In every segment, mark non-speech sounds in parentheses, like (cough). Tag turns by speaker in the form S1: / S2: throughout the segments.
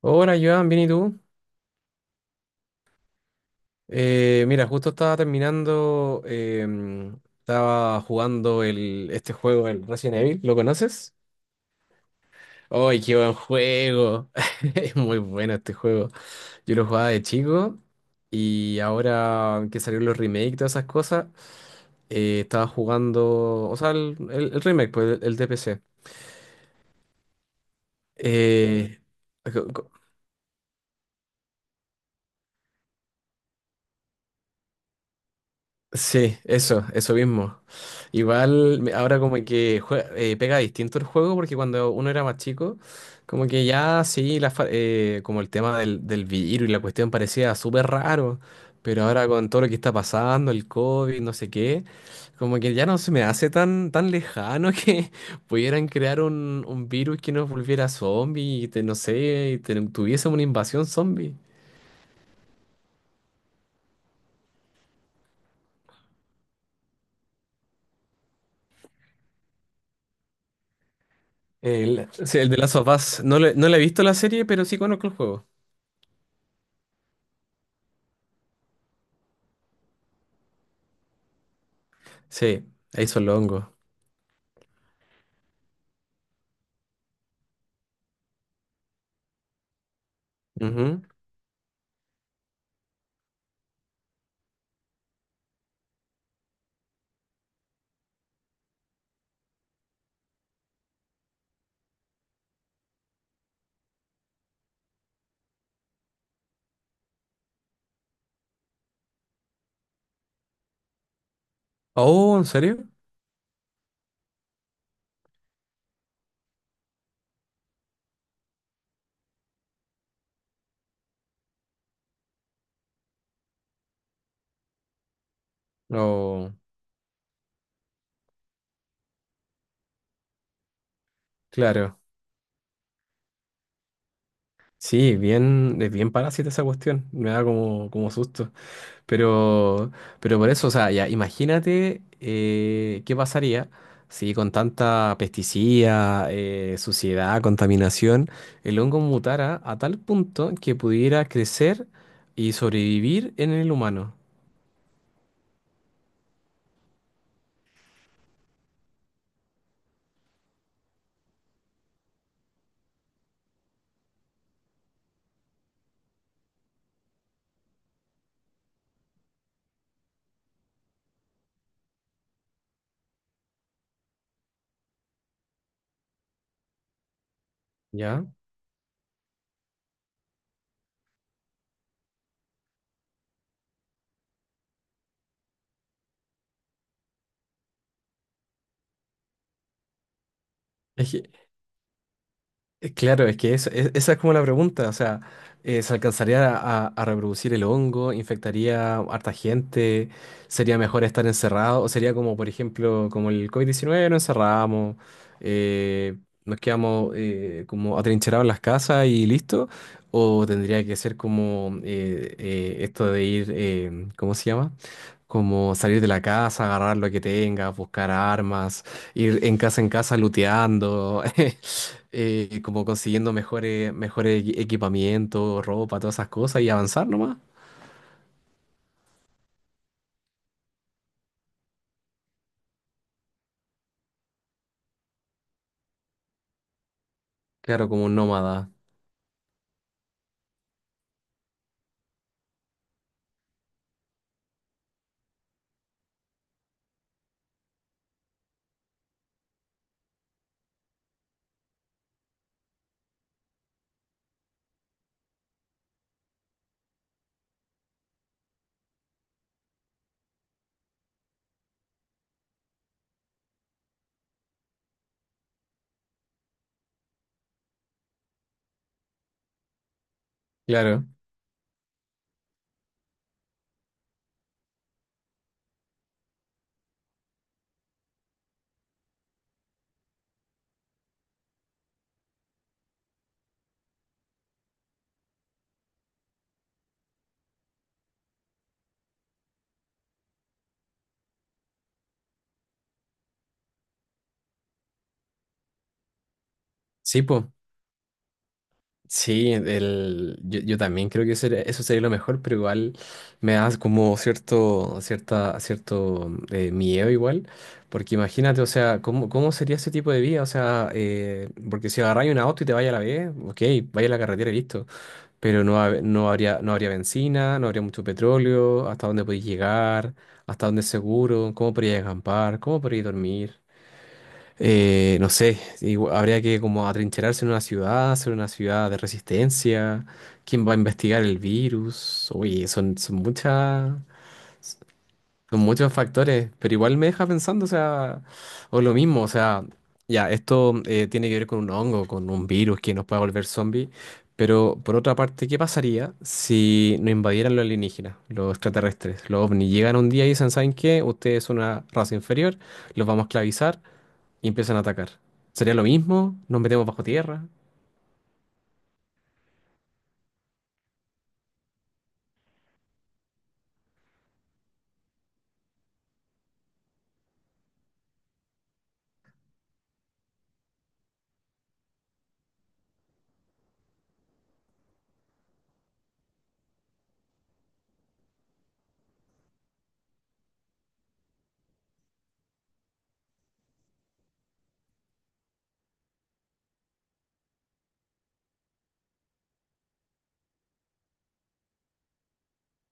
S1: Hola, Joan, bien, ¿y tú? Mira, justo estaba terminando, estaba jugando este juego, el Resident Evil, ¿lo conoces? ¡Ay, qué buen juego! (laughs) Es muy bueno este juego. Yo lo jugaba de chico y ahora que salieron los remakes y todas esas cosas, estaba jugando, o sea, el remake, pues, el de PC. Eh, Sí, eso mismo. Igual ahora como que pega distinto el juego porque cuando uno era más chico, como que ya sí, como el tema del virus y la cuestión parecía súper raro, pero ahora con todo lo que está pasando, el COVID, no sé qué, como que ya no se me hace tan, tan lejano (laughs) que pudieran crear un virus que nos volviera zombie y te, no sé, y tuviese una invasión zombie. El, sí, el de Last of Us, no le he visto la serie, pero sí conozco el juego. Sí, ahí son los hongos. Ujú. Oh, ¿en serio? Oh, claro. Sí, bien, es bien parásita esa cuestión. Me da como, como susto. Pero, pero por eso, o sea, ya, imagínate, qué pasaría si con tanta pesticida, suciedad, contaminación, el hongo mutara a tal punto que pudiera crecer y sobrevivir en el humano. ¿Ya? Es, Claro, es que esa es como la pregunta, o sea, ¿se alcanzaría a reproducir el hongo? ¿Infectaría harta gente? ¿Sería mejor estar encerrado? ¿O sería como, por ejemplo, como el covid diecinueve, nos encerramos, eh, nos quedamos, como atrincherados en las casas y listo? ¿O tendría que ser como, esto de ir, ¿cómo se llama? Como salir de la casa, agarrar lo que tengas, buscar armas, ir en casa looteando, (laughs) como consiguiendo mejores, equipamiento, ropa, todas esas cosas y avanzar nomás. Claro, como un nómada. Claro. Sí, pues. Sí, el, yo también creo que eso, eso sería lo mejor, pero igual me da como cierto, cierta, cierto, miedo igual, porque imagínate, o sea, ¿cómo, cómo sería ese tipo de vida? O sea, porque si agarráis un auto y te vaya a la vez, ok, vaya a la carretera y listo, pero no, no habría, no habría benzina, no habría mucho petróleo, hasta dónde podéis llegar, hasta dónde es seguro, cómo podríais acampar, cómo podríais dormir. No sé, habría que como atrincherarse en una ciudad, hacer una ciudad de resistencia, quién va a investigar el virus, oye, son, son muchas, son muchos factores, pero igual me deja pensando, o sea, o lo mismo, o sea, ya, esto, tiene que ver con un hongo, con un virus que nos puede volver zombie, pero por otra parte, ¿qué pasaría si nos invadieran los alienígenas, los extraterrestres, los ovnis? Llegan un día y dicen, ¿saben qué? Ustedes son una raza inferior, los vamos a esclavizar y empiezan a atacar. ¿Sería lo mismo? ¿Nos metemos bajo tierra?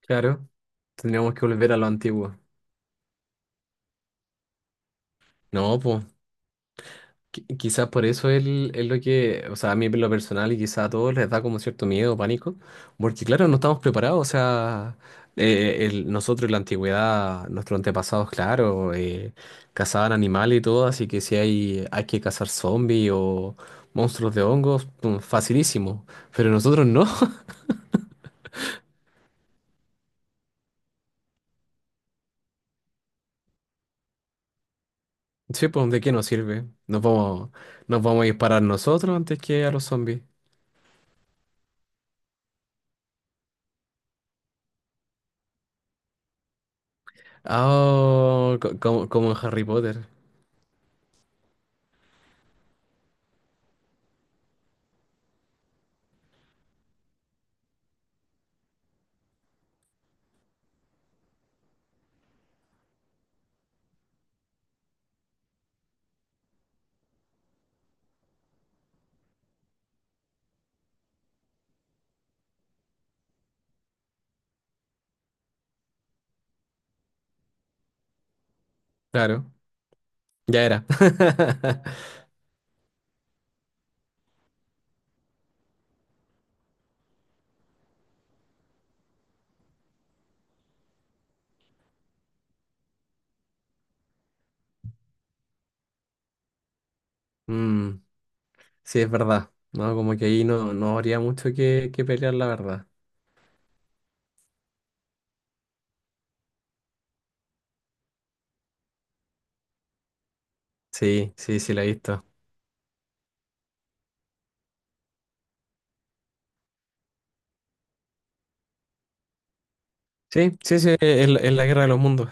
S1: Claro, tendríamos que volver a lo antiguo. No, pues quizás por eso él es lo que, o sea, a mí en lo personal y quizás a todos les da como cierto miedo, pánico, porque claro, no estamos preparados, o sea, nosotros en la antigüedad, nuestros antepasados, claro, cazaban animales y todo, así que si hay, hay que cazar zombies o monstruos de hongos, pum, facilísimo, pero nosotros no. (laughs) Sí, pues, ¿de qué nos sirve? Nos vamos a disparar nosotros antes que a los zombies. Ah, como, como en Harry Potter. Claro, ya era. (laughs) Mm, sí, es verdad. No, como que ahí no, no habría mucho que pelear, la verdad. Sí, sí, sí, la he visto. Sí, sí, sí, es la guerra de los mundos.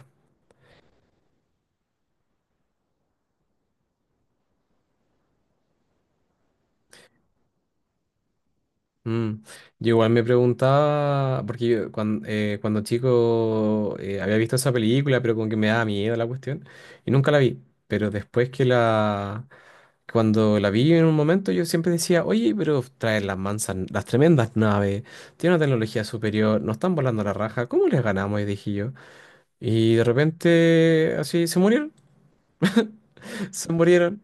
S1: Mm. Yo igual me preguntaba, porque yo cuando, cuando chico, había visto esa película, pero como que me daba miedo la cuestión, y nunca la vi. Pero después que la, cuando la vi en un momento, yo siempre decía, oye, pero traen las mansas, las tremendas naves, tienen una tecnología superior, nos están volando la raja, ¿cómo les ganamos? Y dije yo. Y de repente, así, se murieron, (laughs) se murieron.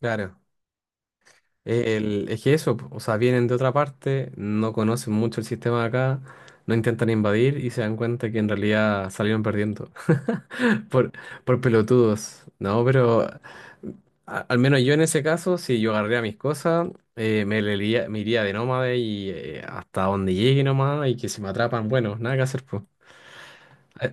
S1: Claro. El, es que eso, po, o sea, vienen de otra parte, no conocen mucho el sistema de acá, no intentan invadir y se dan cuenta que en realidad salieron perdiendo (laughs) por, por pelotudos, ¿no? Pero al menos yo en ese caso, si yo agarraría mis cosas, me, me iría de nómade y hasta donde llegue nomás y que si me atrapan, bueno, nada que hacer, pues. Eh,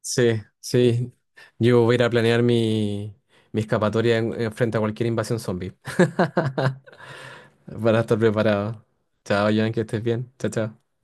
S1: Sí, sí, yo voy a ir a planear mi, mi escapatoria en frente a cualquier invasión zombie. (laughs) Para estar preparado. Chao, Joan, que estés bien. Chao, chao.